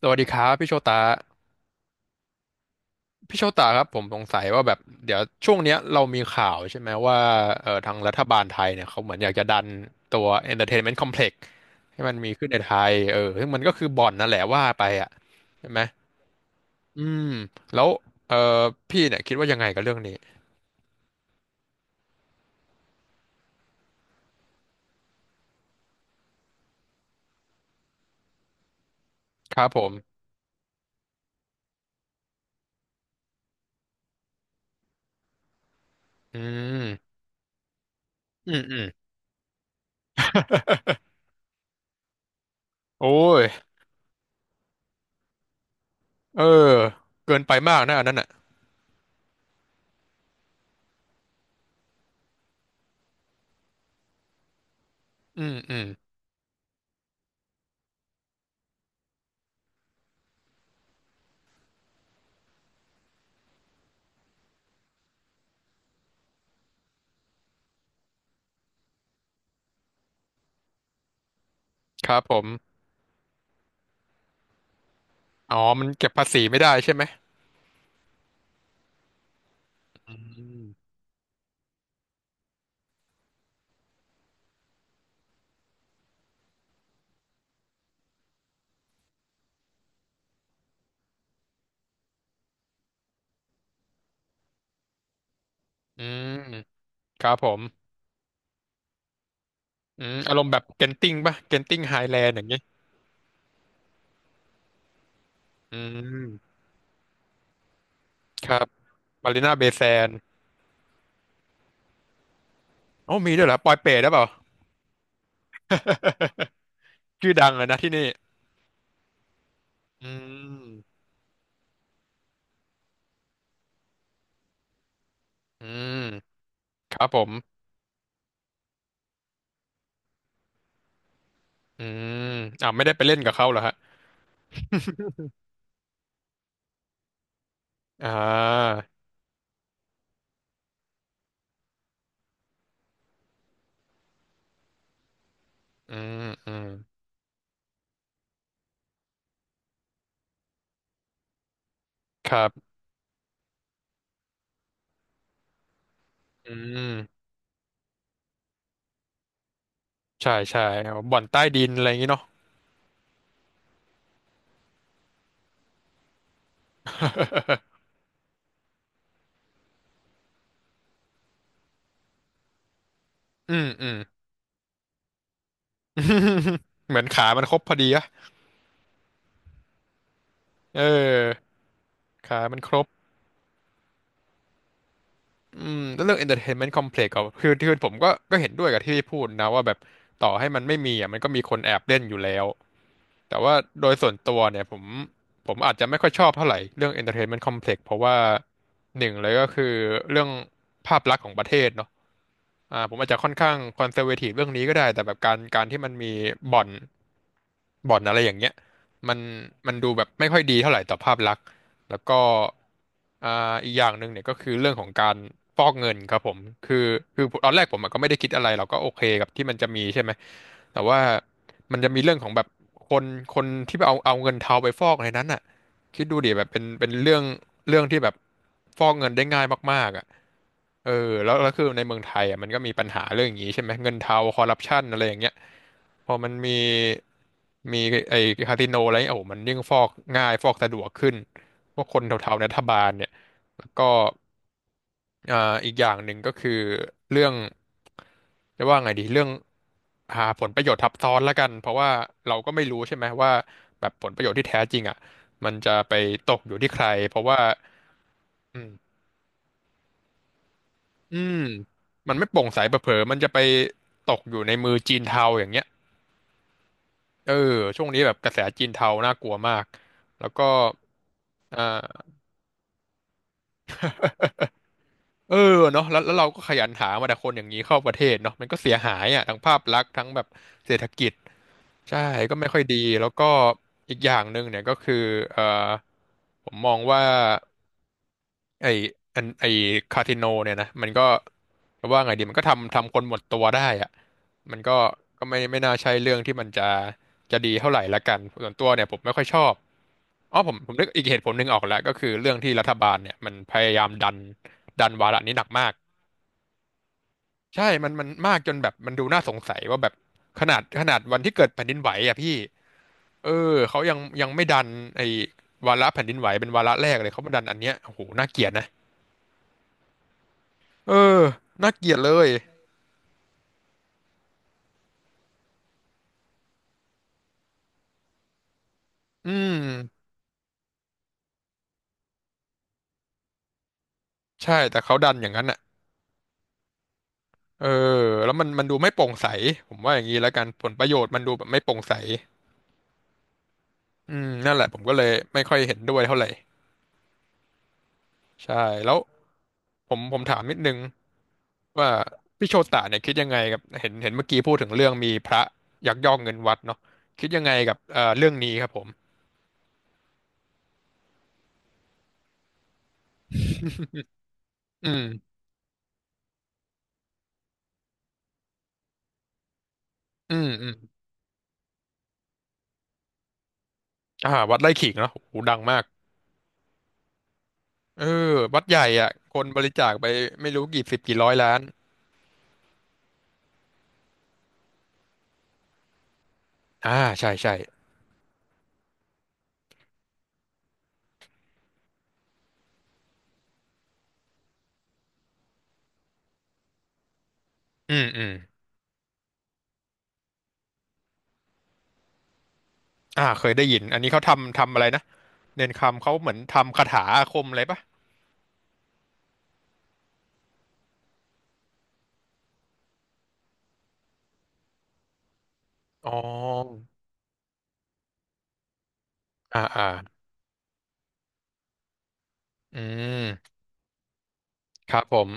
สวัสดีครับพี่โชตาพี่โชตาครับผมสงสัยว่าแบบเดี๋ยวช่วงเนี้ยเรามีข่าวใช่ไหมว่าทางรัฐบาลไทยเนี่ยเขาเหมือนอยากจะดันตัว Entertainment Complex ให้มันมีขึ้นในไทยเออซึ่งมันก็คือบ่อนนั่นแหละว่าไปอ่ะใช่ไหมอืมแล้วเอ่อพี่เนี่ยคิดว่ายังไงกับเรื่องนี้ครับผมอืมอืมอืม โอ้ยเออเกินไปมากนะอันนั้นอ่ะอืมอืมครับผมอ๋อมันเก็บภาษีไม่ได้ใช่ไหมอืมอืม ครับผมอืมอารมณ์แบบเกนติ้งป่ะเกนติ้งไฮแลนด์อย่างงี้อืมครับมารีนาเบย์แซนด์โอ้มีด้วยเหรอปอยเปรตหรือเปล่า ชื่อดังเลยนะที่นี่อืม อืม ครับผม อืม อ่าไม่ได้ไปเล่นกับเขาเหรอฮะอ่าอืม อืมครับอืมใช่ใช่เอาบ่อนใต้ดินอะไรอย่างงี้เนาะอืม อืม เหมือนขามันครบพอดีอะเออ ขามันครบ อืมแล้วเรื่อง entertainment complex ก็คือผมก็เห็นด้วยกับที่พี่พูดนะว่าแบบต่อให้มันไม่มีอ่ะมันก็มีคนแอบเล่นอยู่แล้วแต่ว่าโดยส่วนตัวเนี่ยผมผมอาจจะไม่ค่อยชอบเท่าไหร่เรื่อง entertainment complex เพราะว่าหนึ่งเลยก็คือเรื่องภาพลักษณ์ของประเทศเนาะ อ่าผมอาจจะค่อนข้างคอนเซอร์เวทีฟเรื่องนี้ก็ได้แต่แบบการที่มันมีบ่อนบ่อนอะไรอย่างเงี้ยมันมันดูแบบไม่ค่อยดีเท่าไหร่ต่อภาพลักษณ์แล้วก็อ่าอีกอย่างหนึ่งเนี่ยก็คือเรื่องของการฟอกเงินครับผมคือคือตอนแรกผมอะก็ไม่ได้คิดอะไรเราก็โอเคกับที่มันจะมีใช่ไหมแต่ว่ามันจะมีเรื่องของแบบคนคนที่ไปเอาเงินเทาไปฟอกในนั้นอ่ะคิดดูดิแบบเป็นเรื่องที่แบบฟอกเงินได้ง่ายมากๆอ่ะ เอแล้วคือในเมืองไทยอ่ะมันก็มีปัญหาเรื่องอย่างนี้ใช่ไหมเงินเทาคอร์รัปชันอะไรอย่างเงี้ยพอมันมีมีไอ้คาสิโนอะไรเงี้ยโอ้โหมันยิ่งฟอกง่ายฟอกสะดวกขึ้นพวกคนเทาๆในรัฐบาลเนี่ยแล้วก็อ่าอีกอย่างหนึ่งก็คือเรื่องจะว่าไงดีเรื่องหาผลประโยชน์ทับซ้อนละกันเพราะว่าเราก็ไม่รู้ใช่ไหมว่าแบบผลประโยชน์ที่แท้จริงอ่ะมันจะไปตกอยู่ที่ใครเพราะว่าอืม อืมมันไม่โปร่งใสเผลอๆมันจะไปตกอยู่ในมือจีนเทาอย่างเงี้ยเออช่วงนี้แบบกระแสจีนเทาน่ากลัวมากแล้วก็อ่าเออเนาะแล้วเราก็ขยันหามาแต่คนอย่างนี้เข้าประเทศเนาะมันก็เสียหายอ่ะทั้งภาพลักษณ์ทั้งแบบเศรษฐกิจใช่ก็ไม่ค่อยดีแล้วก็อีกอย่างหนึ่งเนี่ยก็คือเออผมมองว่า ไอไอคาทิโนเนี่ยนะมันก็ว่าไงดีมันก็ทำคนหมดตัวได้อะมันก็ไม่น่าใช่เรื่องที่มันจะดีเท่าไหร่ละกันส่วนตัวเนี่ยผมไม่ค่อยชอบอ๋อผมนึกอีกเหตุผลหนึ่งออกแล้วก็คือเรื่องที่รัฐบาลเนี่ยมันพยายามดันวาระนี้หนักมากใช่มันมากจนแบบมันดูน่าสงสัยว่าแบบขนาดวันที่เกิดแผ่นดินไหวอ่ะพี่เออเขายังไม่ดันไอ้วาระแผ่นดินไหวเป็นวาระแรกเลยเขามาดันอันเนี้ยโอ้โหน่าเกลียดนะ เออน่าเกลียดเลยอืมใช่แต่เขาดันอย่างนั้นอ่ะเออแล้วมันดูไม่โปร่งใสผมว่าอย่างนี้แล้วกันผลประโยชน์มันดูแบบไม่โปร่งใสอืมนั่นแหละผมก็เลยไม่ค่อยเห็นด้วยเท่าไหร่ใช่แล้วผมถามนิดนึงว่าพี่โชตะเนี่ยคิดยังไงกับเห็นเมื่อกี้พูดถึงเรื่องมีพระยักยอกเงินวัดเนาะคิดยังไงกับเรื่องนี้ครับผมอืมอืมอืมอ่าวัดไร่ขิงเนาะโอ้โหดังมากเออวัดใหญ่อ่ะคนบริจาคไปไม่รู้กี่สิบกี่ร้อยล้านอ่าใช่ใช่ อืมอืมอ่าเคยได้ยินอันนี้เขาทำอะไรนะเนนคำเขาเหมือนทำคาถาอาคมอะไรปะอ๋ออ่าอ่าอืมครับผม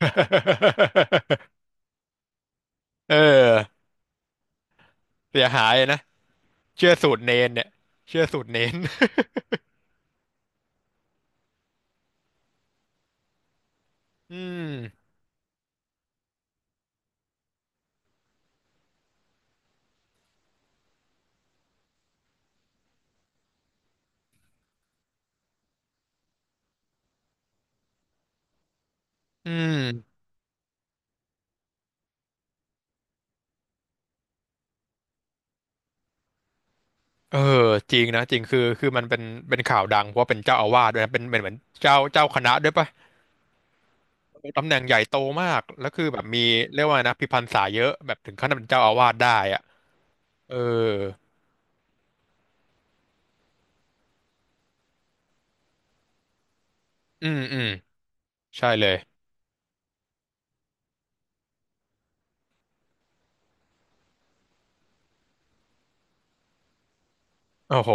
เออเสียหายนะเชื่อสูตรเนนเนี่ยเชื่อสูตรเนน อืมอืมเออจริงนะจริงคือมันเป็นข่าวดังเพราะว่าเป็นเจ้าอาวาสด้วยนะเป็นเหมือนเจ้าคณะด้วยปะตำแหน่งใหญ่โตมากแล้วคือแบบมีเรียกว่านะพิพรรษาเยอะแบบถึงขั้นเป็นเจ้าอาวาสได้อะเออ อืมอืมใช่เลยโอ้โห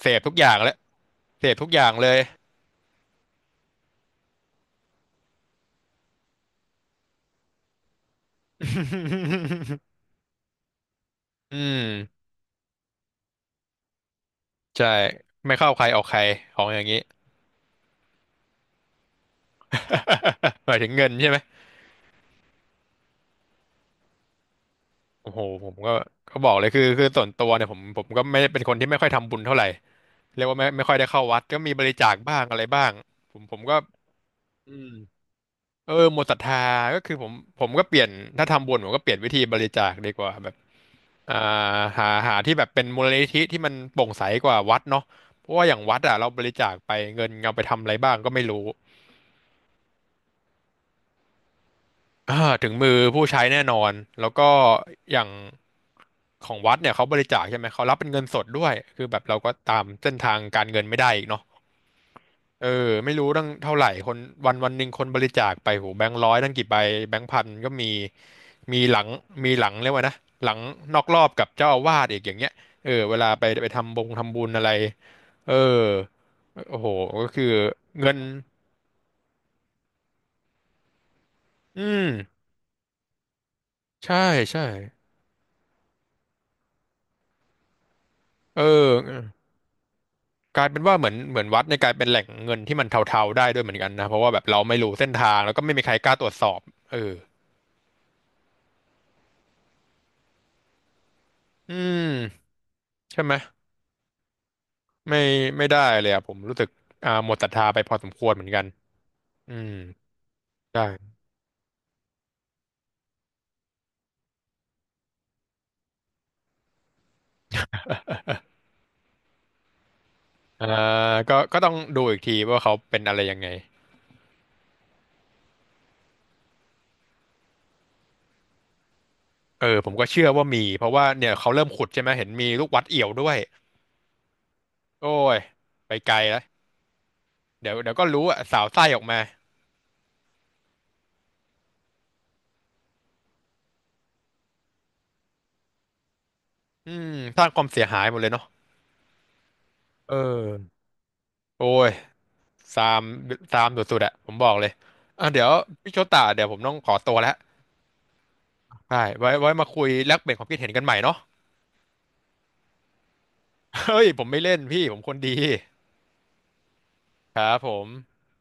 เสพทุกอย่างแล้วเสพทุกอย่างเลย อืมใช่ไม่เข้าใครออกใครของอย่างนี้ หมายถึงเงินใช่ไหมโอ้โหผมก็ก็บอกเลยคือส่วนตัวเนี่ยผมก็ไม่ได้เป็นคนที่ไม่ค่อยทำบุญเท่าไหร่เรียกว่าไม่ค่อยได้เข้าวัดก็มีบริจาคบ้างอะไรบ้างผมก็อืมเออหมดศรัทธาก็คือผมผมก็เปลี่ยนถ้าทำบุญผมก็เปลี่ยนวิธีบริจาคดีกว่าแบบ อ่าหาหาที่แบบเป็นมูลนิธิที่มันโปร่งใสกว่าวัดเนาะเพราะว่าอย่างวัดอ่ะเราบริจาคไปเงินเอาไปทำอะไรบ้างก็ไม่รู้ อ่าถึงมือผู้ใช้แน่นอนแล้วก็อย่างของวัดเนี่ยเขาบริจาคใช่ไหมเขารับเป็นเงินสดด้วยคือแบบเราก็ตามเส้นทางการเงินไม่ได้อีกเนาะ เออไม่รู้ตั้งเท่าไหร่คนวันวันหนึ่งคนบริจาคไปโหแบงค์ร้อยตั้งกี่ใบแบงค์พันก็มีมีหลังมีหลังเรียกว่านะหลังนอกรอบกับเจ้าอาวาสอีกอย่างเงี้ยเออเวลาไปไปทำบงทำบุญอะไรเออโอ้โหก็คือเงินอืมใช่ใช่เออกลายเป็นว่าเหมือนวัดในยกลายเป็นแหล่งเงินที่มันเทาๆได้ด้วยเหมือนกันนะเพราะว่าแบบเราไม่รู้เส้นทางแล้วก็ไม่มีใครกล้าตรวจสอบเอออืมใช่ไหม ไม่ไม่ได้เลยอะผมรู้สึกอ่าหมดศรัทธาไปพอสมควรเหมือนกันอืมใช่อ่าก็ก็ต้องดูอีกทีว่าเขาเป็นอะไรยังไงเออผมก็เชื่อว่ามีเพราะว่าเนี่ยเขาเริ่มขุดใช่ไหมเห็นมีลูกวัดเอี่ยวด้วยโอ้ยไปไกลแล้วเดี๋ยวก็รู้อะสาวไส้ออกมาอืมสร้างความเสียหายหมดเลยเนาะเออโอ้ยซามซามสุดๆอะผมบอกเลยอ่ะเดี๋ยวพี่โชตาเดี๋ยวผมต้องขอตัวแล้วใช่ไว้มาคุยแลกเปลี่ยนความคิดเห็นกันใหม่เนาะเฮ้ยผมไม่เล่นพี่ผมคนดี ครับผม